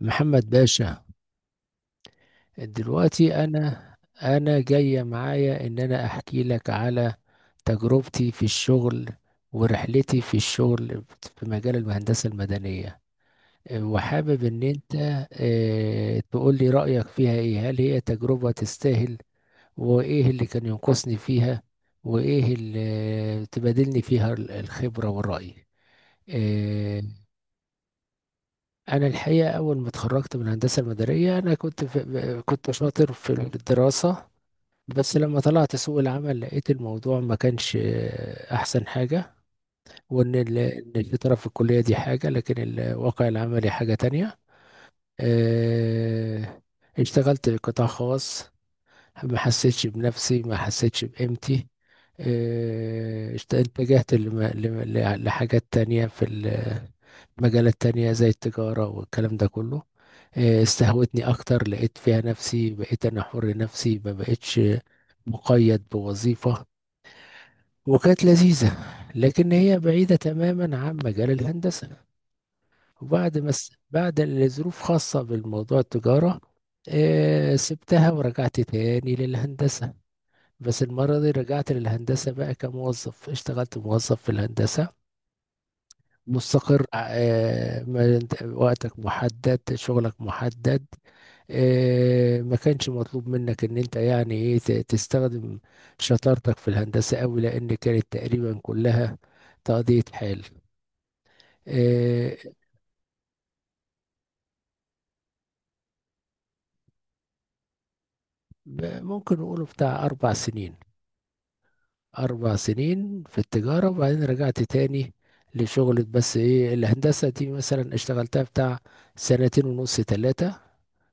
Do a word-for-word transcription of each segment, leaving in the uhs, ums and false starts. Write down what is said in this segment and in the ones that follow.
محمد باشا، دلوقتي انا انا جاية معايا ان انا احكي لك على تجربتي في الشغل ورحلتي في الشغل في مجال الهندسة المدنية، وحابب ان انت آه، تقول لي رأيك فيها ايه. هل هي تجربة تستاهل؟ وايه اللي كان ينقصني فيها؟ وايه اللي تبادلني فيها الخبرة والرأي؟ آه، انا الحقيقه اول ما اتخرجت من الهندسه المدنيه، انا كنت في كنت شاطر في الدراسه. بس لما طلعت سوق العمل لقيت الموضوع ما كانش احسن حاجه، وان ال- إن الشطاره في الكليه دي حاجه، لكن الواقع العملي حاجه تانية. آه، اشتغلت قطاع خاص، ما حسيتش بنفسي، ما حسيتش بقيمتي. آه، اشت- اتجهت لم- لم- ل- لحاجات تانية، في ال- مجالات تانية زي التجارة والكلام ده كله. آه، استهوتني أكتر، لقيت فيها نفسي، بقيت أنا حر نفسي، ما بقتش مقيد بوظيفة، وكانت لذيذة. لكن هي بعيدة تماما عن مجال الهندسة، وبعد ما س- بعد الظروف خاصة بالموضوع التجارة، آه، سبتها ورجعت تاني للهندسة. بس المرة دي رجعت للهندسة بقى كموظف، اشتغلت موظف في الهندسة، مستقر. آه، ما انت وقتك محدد، شغلك محدد. آه، ما كانش مطلوب منك ان انت يعني ايه ت- تستخدم شطارتك في الهندسة قوي، لان كانت تقريبا كلها تقضية حال. آه، ب- ممكن نقوله بتاع اربع سنين، أربع سنين في التجارة، وبعدين رجعت تاني لشغلة. بس إيه، الهندسة دي مثلا اشتغلتها بتاع سنتين ونص، تلاتة،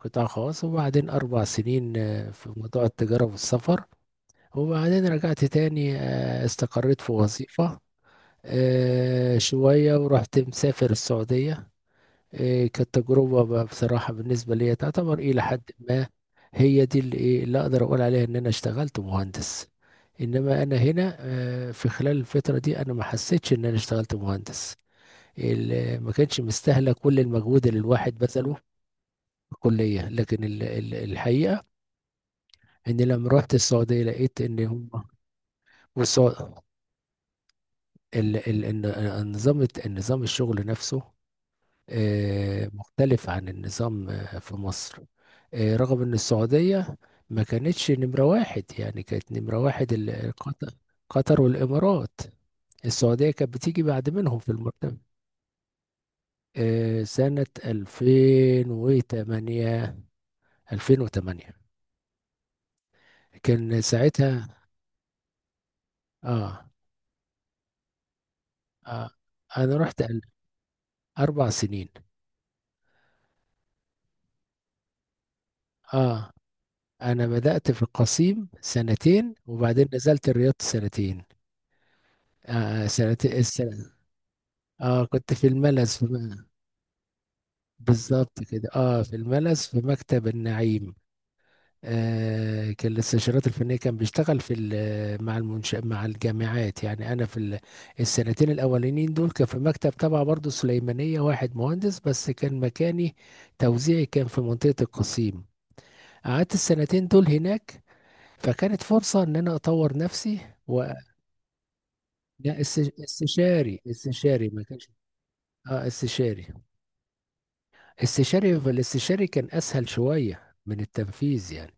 قطاع خاص، وبعدين أربع سنين آه، في موضوع التجارة والسفر، وبعدين رجعت تاني. آه، استقريت في وظيفة آه، شوية، ورحت مسافر السعودية. إيه، كانت تجربة بقى بصراحة بالنسبة لي، تعتبر إلى حد ما هي دي اللي، إيه، اللي أقدر أقول عليها إن أنا اشتغلت مهندس. إنما أنا هنا آه، في خلال الفترة دي أنا ما حسيتش إن أنا اشتغلت مهندس. ال- ما كانش مستاهلة كل المجهود اللي الواحد بذله في الكلية. لكن ال- ال- الحقيقة إن لما رحت السعودية لقيت إن هم. والسع- ال- ال- إن- النظام النظام الشغل نفسه آه، مختلف عن النظام آه، في مصر. آه، رغم ان السعودية ما كانتش نمرة واحد، يعني كانت نمرة واحد ال- قطر، قطر والامارات. السعودية كانت بتيجي بعد منهم في المرتبة. آه، سنة ألفين وتمانية، ألفين وثمانية كان ساعتها. اه, آه انا رحت ال- اربع سنين. اه، انا بدأت في القصيم سنتين، وبعدين نزلت الرياض سنتين. آه سنتين. اه، كنت في الملز، في، بالظبط كده، اه، في الملز في مكتب النعيم. آه كان الاستشارات الفنيه، كان بيشتغل في ال- مع المنش مع الجامعات، يعني انا في ال- السنتين الاولانيين دول كان في مكتب تبع برضه سليمانيه، واحد مهندس بس، كان مكاني توزيعي، كان في منطقه القصيم. قعدت السنتين دول هناك، فكانت فرصه ان انا اطور نفسي. و لا، است- استشاري استشاري ما كانش. اه، استشاري. استشاري الاستشاري كان اسهل شويه من التنفيذ يعني.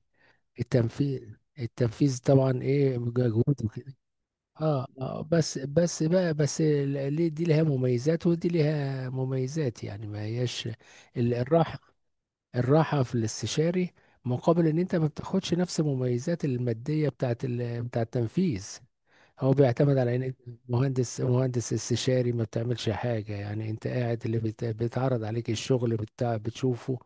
التنفيذ التنفيذ طبعا ايه، مجهود وكده. اه، اه، بس بس بقى، بس ال- ليه دي لها مميزات ودي لها مميزات، يعني ما هياش ال- الراحه الراحه في الاستشاري، مقابل ان انت ما بتاخدش نفس المميزات الماديه بتاعت ال- بتاع التنفيذ. هو بيعتمد على ان انت مهندس مهندس استشاري ما بتعملش حاجه. يعني انت قاعد، اللي بت- بيتعرض عليك الشغل بتاع بتشوفه.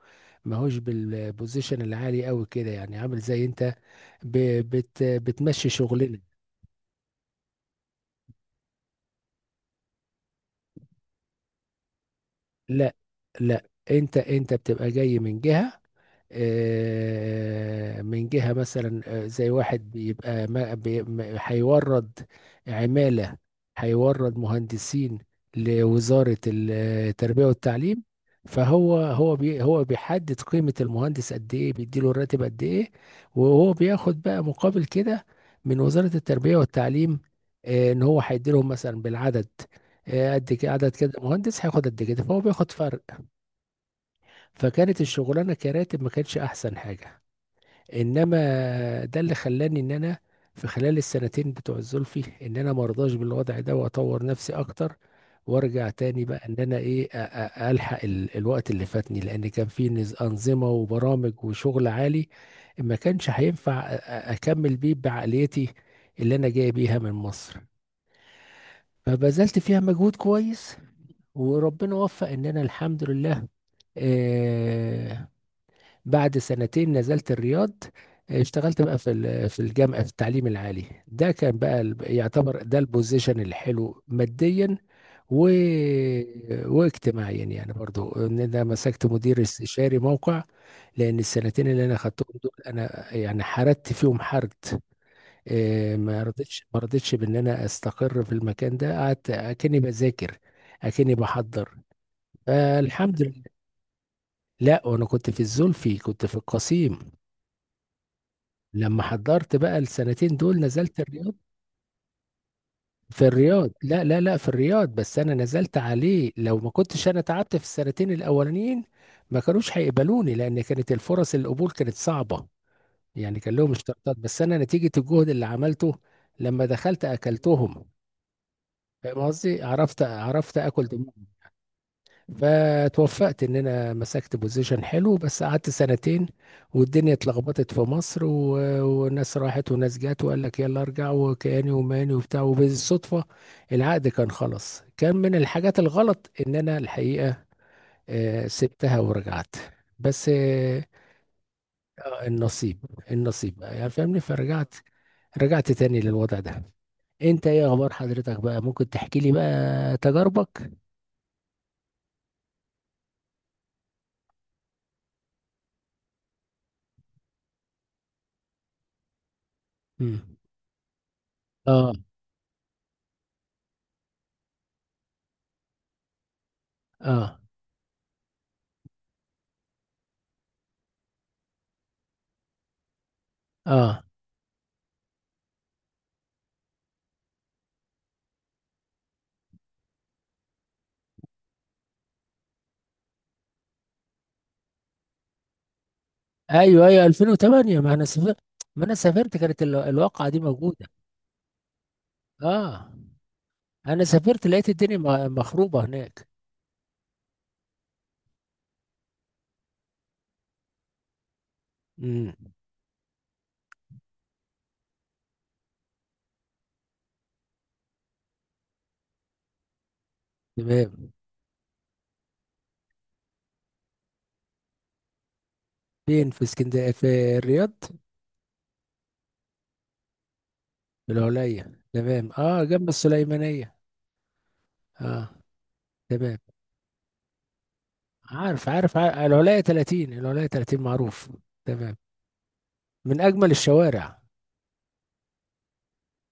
ماهوش بالبوزيشن العالي قوي كده، يعني عامل زي انت ب- بت بتمشي شغلنا. لا، لا، انت انت بتبقى جاي من جهه، آه، من جهة مثلا، آه، زي واحد بيبقى ما بي- ما- هيورد عمالة، هيورد مهندسين لوزارة ال- التربية والتعليم. فهو هو بي هو بيحدد قيمة المهندس قد ايه، بيديله الراتب قد ايه، وهو بياخد بقى مقابل كده من وزارة التربية والتعليم. آه، ان هو هيديلهم مثلا بالعدد، آه، قد كده عدد، كده مهندس هياخد قد كده، فهو بياخد فرق. فكانت الشغلانة كراتب ما كانتش احسن حاجة، انما ده اللي خلاني ان انا في خلال السنتين بتوع الزلفي ان انا مرضاش بالوضع ده، واطور نفسي اكتر، وارجع تاني بقى ان انا ايه، أ- أ- الحق ال- الوقت اللي فاتني، لان كان في نز- انظمه وبرامج وشغل عالي، ما كانش هينفع أ- أ- اكمل بيه بعقليتي اللي انا جاي بيها من مصر. فبذلت فيها مجهود كويس، وربنا وفق ان انا الحمد لله. آه، بعد سنتين نزلت الرياض، اشتغلت بقى في ال- في الجامعة في التعليم العالي. ده كان بقى ال- يعتبر ده البوزيشن الحلو ماديا و... واجتماعيا، يعني برضو ان انا مسكت مدير استشاري موقع، لان السنتين اللي انا خدتهم دول انا يعني حردت فيهم حرد. آه، ما رضيتش ما رضيتش بان انا استقر في المكان ده. قعدت اكني بذاكر، اكني بحضر. آه، الحمد لله. لا، وانا كنت في الزلفي، كنت في القصيم. لما حضرت بقى السنتين دول نزلت الرياض. في الرياض، لا، لا، لا، في الرياض، بس انا نزلت عليه. لو ما كنتش انا تعبت في السنتين الاولانيين ما كانوش هيقبلوني، لان كانت الفرص، القبول كانت صعبة، يعني كان لهم اشتراطات. بس انا نتيجة الجهد اللي عملته، لما دخلت اكلتهم. فاهم قصدي؟ عرفت عرفت اكل دماغ. فتوفقت ان انا مسكت بوزيشن حلو، بس قعدت سنتين، والدنيا اتلخبطت في مصر و... وناس راحت وناس جت، وقال لك يلا ارجع، وكياني وماني وبتاع، وبالصدفة العقد كان خلص. كان من الحاجات الغلط ان انا الحقيقة، آه، سبتها ورجعت. بس آه، النصيب النصيب بقى، يعني فاهمني. فرجعت، رجعت تاني للوضع ده. انت ايه اخبار حضرتك بقى؟ ممكن تحكي لي بقى تجاربك. مم. اه. اه. اه. ايوه، ايوه، ألفين وتمانية. ما انا سافرت ما انا سافرت كانت ال- الواقعه دي موجوده. اه، انا سافرت لقيت الدنيا م- مخروبه هناك. امم. تمام. فين، في اسكندريه، في الرياض؟ في العليا، تمام. اه، جنب السليمانيه. اه، تمام. عارف، عارف، عارف. العليا ثلاثين، العليا تلاتين معروف. تمام. من اجمل الشوارع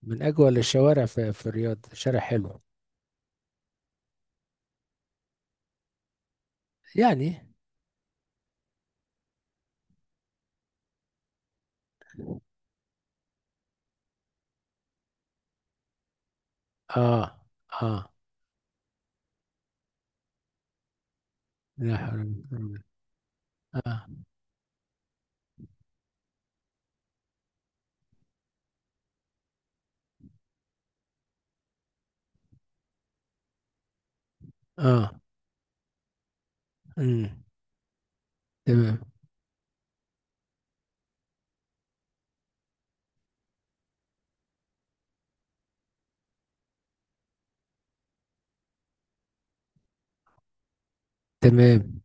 من اجمل الشوارع في, في, الرياض شارع حلو يعني. اه، اه، لا حول ولا قوه إلا بالله. اه. اه. امم. تمام. تمام.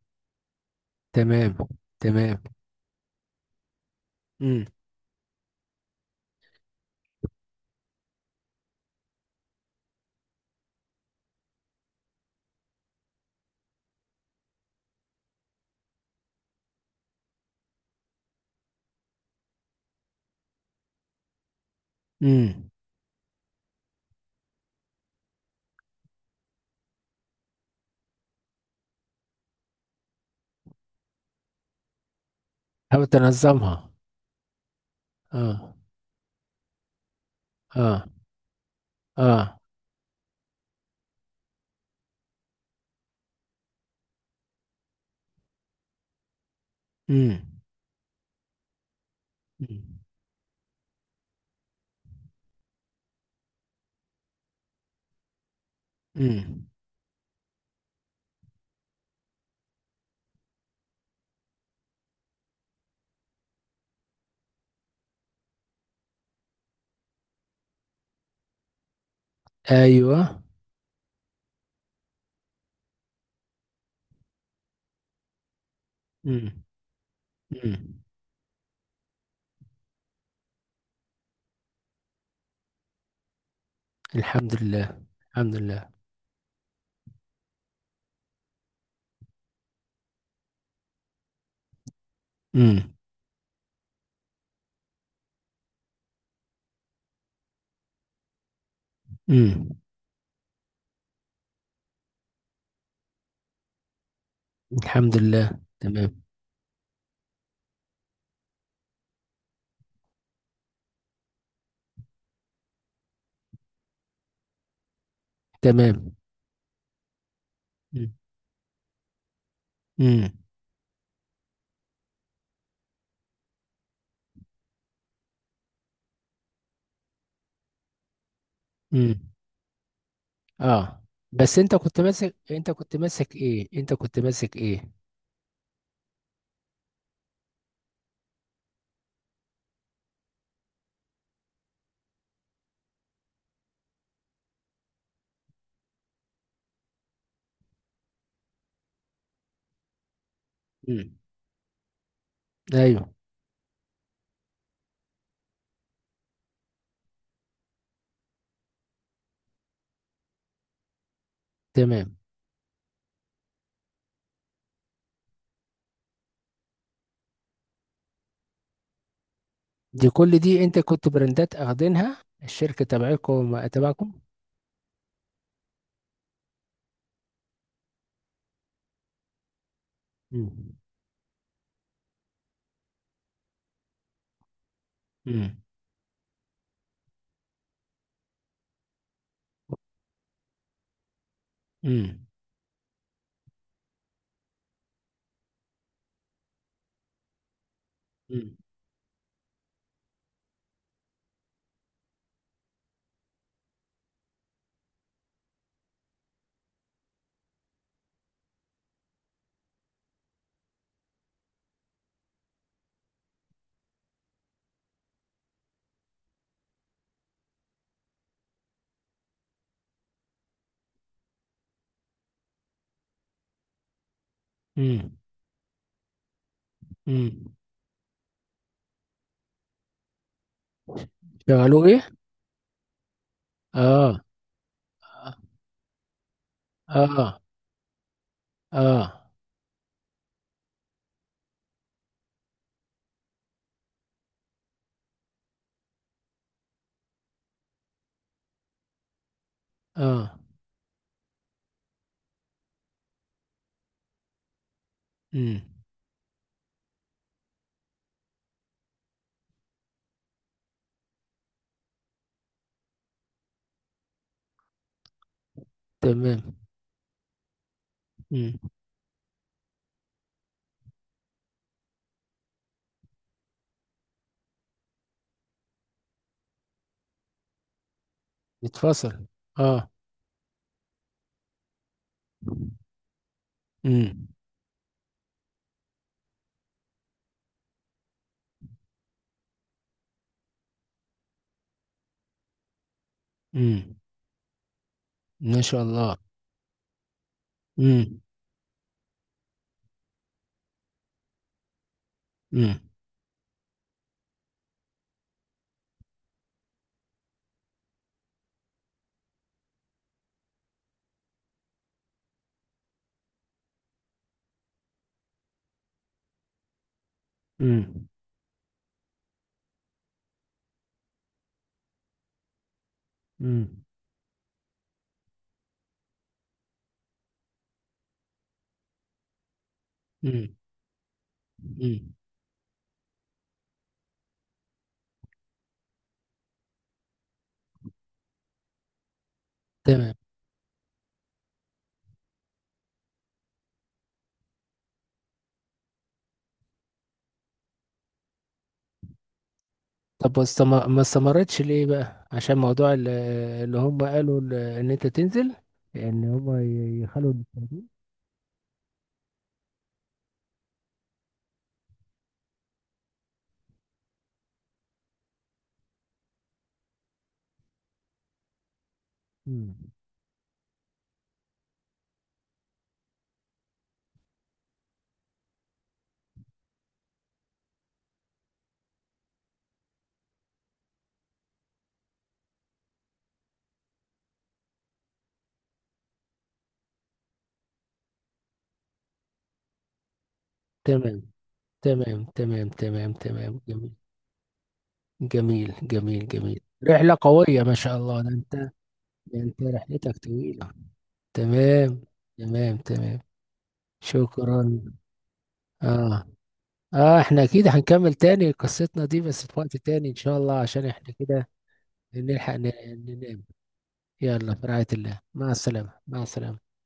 تمام. تمام. امم. امم. حاول تنظمها. اه. اه. اه. امم. امم. ايوه. امم. امم. الحمد لله. الحمد لله. امم. امم. الحمد لله. تمام. تمام. امم. امم. اه. بس انت كنت ماسك انت كنت ماسك ايه انت كنت ماسك ايه؟ امم. ايوه. تمام. دي كل دي، انت كنت براندات اخدينها الشركة تبعكم، تبعكم؟ مم. مم. مم. مم. مم. مم. شغلوه ايه؟ اه. اه. اه. اه. مم. تمام. مم. يتفصل. اه. مم. مم. ما شاء الله. مم. مم. مم. مم. مم. مم. تمام. طب واستم-، ما استمرتش ليه بقى؟ عشان موضوع ال- اللي هم قالوا ال- ان انت تنزل، ان هم ي- يخلوا المصابين؟ مم. تمام. تمام. تمام. تمام. تمام. جميل. جميل. جميل. جميل. رحلة قوية ما شاء الله. ده انت ده انت رحلتك طويلة. تمام. تمام. تمام. شكرا. اه. اه، احنا اكيد هنكمل تاني قصتنا دي، بس في وقت تاني ان شاء الله، عشان احنا كده نلحق ن- ننام. يلا، في رعاية الله، مع السلامة، مع السلامة.